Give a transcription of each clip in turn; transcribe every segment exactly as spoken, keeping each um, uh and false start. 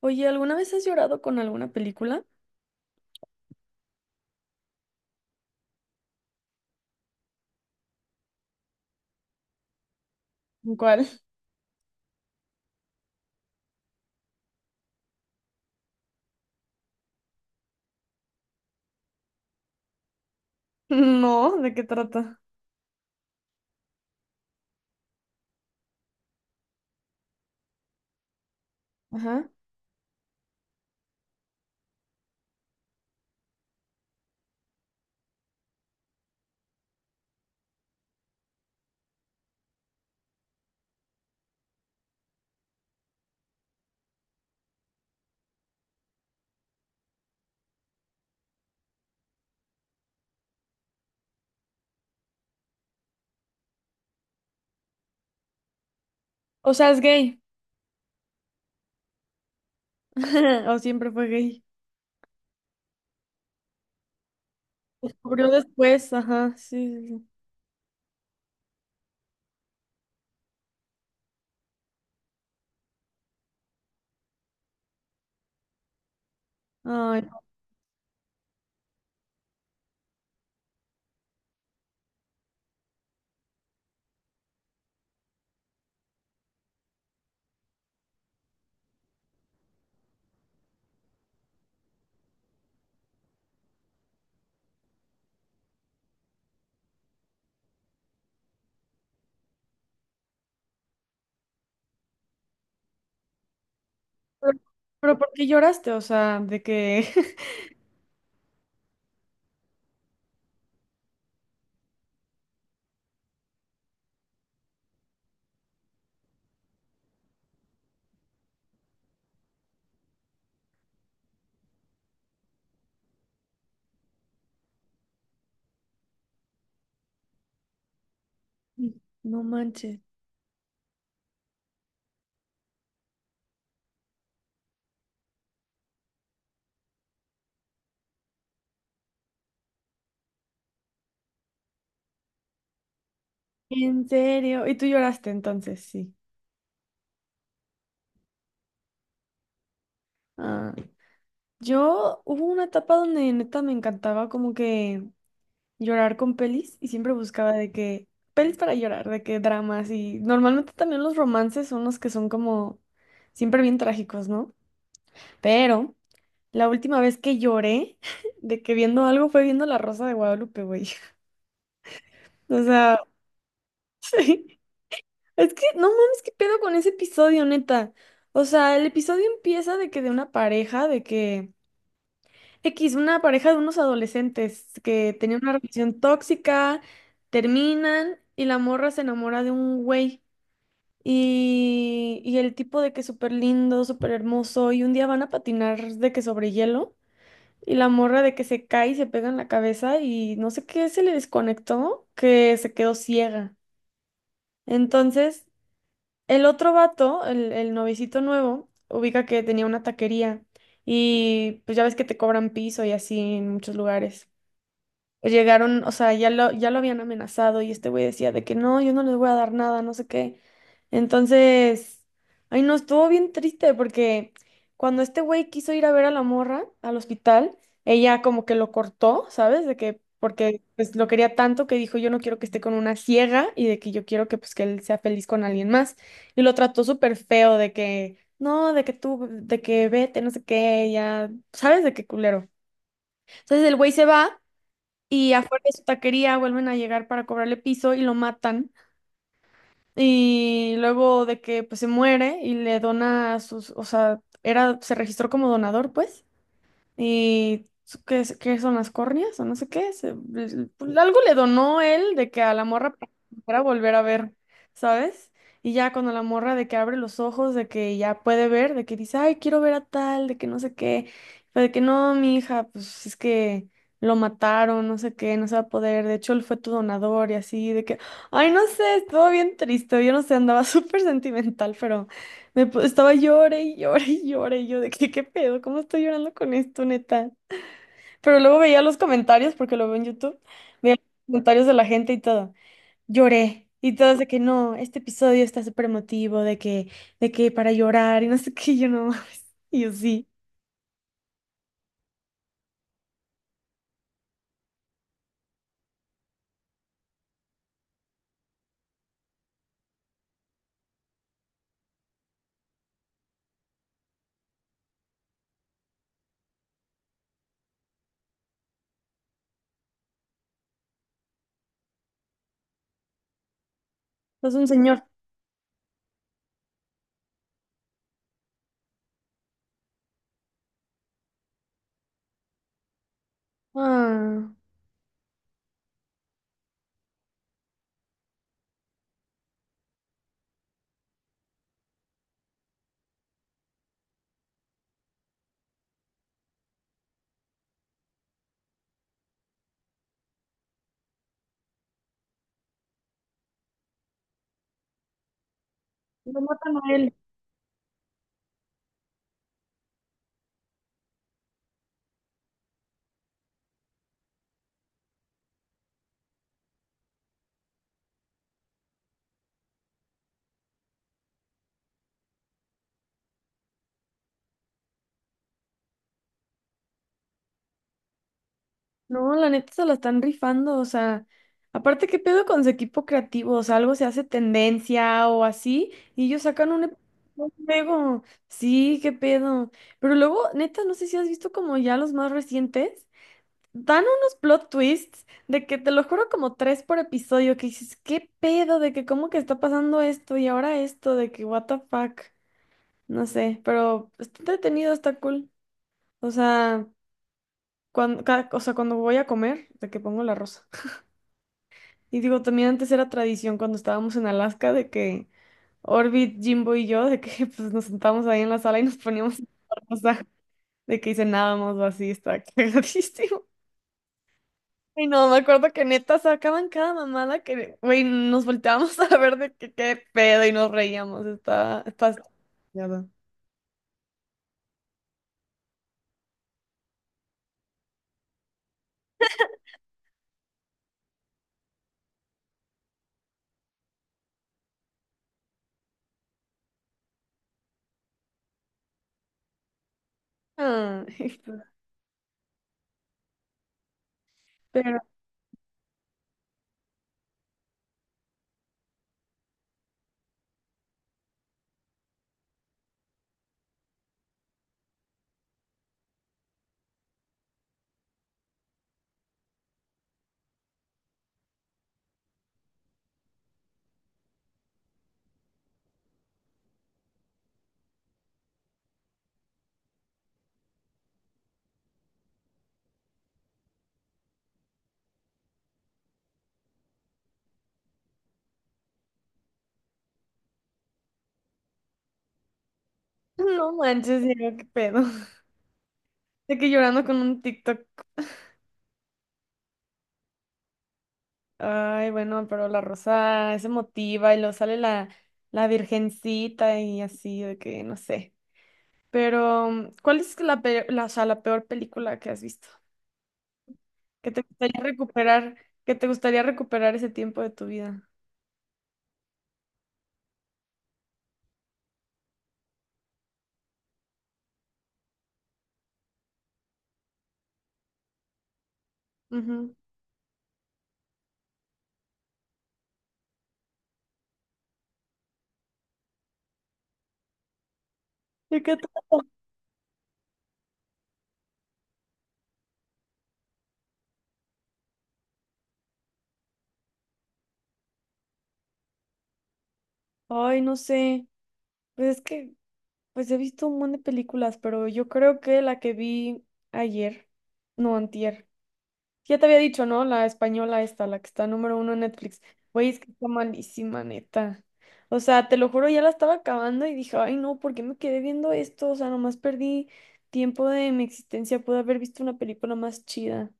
Oye, ¿alguna vez has llorado con alguna película? ¿Cuál? No, ¿de qué trata? Ajá. O sea, es gay. O siempre fue gay. Descubrió después, ajá, sí, sí, sí. Ay, no, pero, pero ¿por qué lloraste? O sea, de que. No manches. En serio. Y tú lloraste entonces, sí. Ah, yo hubo una etapa donde neta me encantaba como que llorar con pelis y siempre buscaba de que pelis para llorar, de que dramas y normalmente también los romances son los que son como siempre bien trágicos, ¿no? Pero la última vez que lloré de que viendo algo fue viendo La Rosa de Guadalupe, güey. O sea, sí. Es que no mames, qué pedo con ese episodio, neta. O sea, el episodio empieza de que de una pareja, de que X, una pareja de unos adolescentes que tenían una relación tóxica, terminan y la morra se enamora de un güey. Y, y el tipo de que súper lindo, súper hermoso, y un día van a patinar de que sobre hielo, y la morra de que se cae y se pega en la cabeza, y no sé qué se le desconectó, que se quedó ciega. Entonces, el otro vato, el, el novicito nuevo, ubica que tenía una taquería, y pues ya ves que te cobran piso y así en muchos lugares. Pues, llegaron, o sea, ya lo, ya lo habían amenazado y este güey decía de que no, yo no les voy a dar nada, no sé qué. Entonces, ay, no, estuvo bien triste porque cuando este güey quiso ir a ver a la morra al hospital, ella como que lo cortó, ¿sabes? De que, porque pues lo quería tanto que dijo, yo no quiero que esté con una ciega y de que yo quiero que pues que él sea feliz con alguien más. Y lo trató súper feo de que, no, de que tú, de que vete, no sé qué, ya, ¿sabes? De qué culero. Entonces el güey se va y afuera de su taquería vuelven a llegar para cobrarle piso y lo matan. Y luego de que pues se muere y le dona sus, o sea, era, se registró como donador, pues. ¿Y su- qué, es- qué son las córneas o no sé qué? se- l- l- algo le donó él de que a la morra para volver a ver, ¿sabes? Y ya cuando la morra de que abre los ojos, de que ya puede ver, de que dice, ay, quiero ver a tal, de que no sé qué, fue de que no, mi hija, pues es que lo mataron, no sé qué, no se va a poder, de hecho él fue tu donador y así, de que, ay, no sé, estuvo bien triste, yo no sé, andaba súper sentimental, pero. Me pu- estaba llore y llore y llore y yo de que qué pedo, ¿cómo estoy llorando con esto, neta? Pero luego veía los comentarios, porque lo veo en YouTube, veía los comentarios de la gente y todo. Lloré. Y todos de que no, este episodio está súper emotivo, de que, de que para llorar y no sé qué, y yo no mames. Y yo sí. Es un señor. Ah, lo matan a él. No, la neta se la están rifando, o sea, aparte, ¿qué pedo con su equipo creativo? O sea, algo se hace tendencia o así, y ellos sacan un ep- un juego. Sí, qué pedo. Pero luego, neta, no sé si has visto como ya los más recientes, dan unos plot twists de que te lo juro como tres por episodio, que dices, ¿qué pedo? De que cómo que está pasando esto y ahora esto, de que what the fuck. No sé, pero está entretenido, está cool. O sea, cuando, o sea, cuando voy a comer, de que pongo la rosa. Y digo, también antes era tradición cuando estábamos en Alaska de que Orbit, Jimbo y yo, de que pues nos sentábamos ahí en la sala y nos poníamos a contar cosas, de que cenábamos o así, está cagadísimo. Y no, me acuerdo que neta sacaban cada mamada que, güey, nos volteábamos a ver de que qué pedo y nos reíamos, está, está. Ay, pero no manches, Diego, qué pedo. De que llorando con un TikTok. Ay, bueno, pero la rosa es emotiva y luego sale la, la virgencita y así, de que no sé. Pero, mm, ¿cuál es la, pe- la, o sea, la peor película que has visto, que te gustaría recuperar, que te gustaría recuperar ese tiempo de tu vida? Ujú. ¿Y qué te- Ay, no sé. Pues es que, pues he visto un montón de películas, pero yo creo que la que vi ayer, no, antier. Ya te había dicho, ¿no? La española esta, la que está número uno en Netflix. Güey, es que está malísima, neta. O sea, te lo juro, ya la estaba acabando y dije, ay, no, ¿por qué me quedé viendo esto? O sea, nomás perdí tiempo de mi existencia. Pude haber visto una película más chida.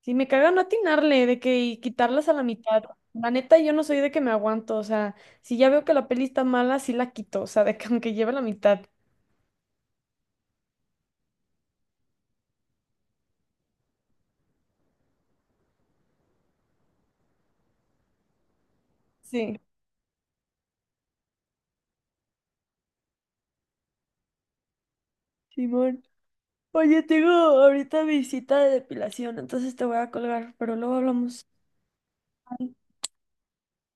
Sí, me caga no atinarle de que y quitarlas a la mitad. La neta, yo no soy de que me aguanto. O sea, si ya veo que la peli está mala, sí la quito. O sea, de que aunque lleve la mitad. Sí. Simón. Oye, tengo ahorita visita de depilación, entonces te voy a colgar, pero luego hablamos. Ay,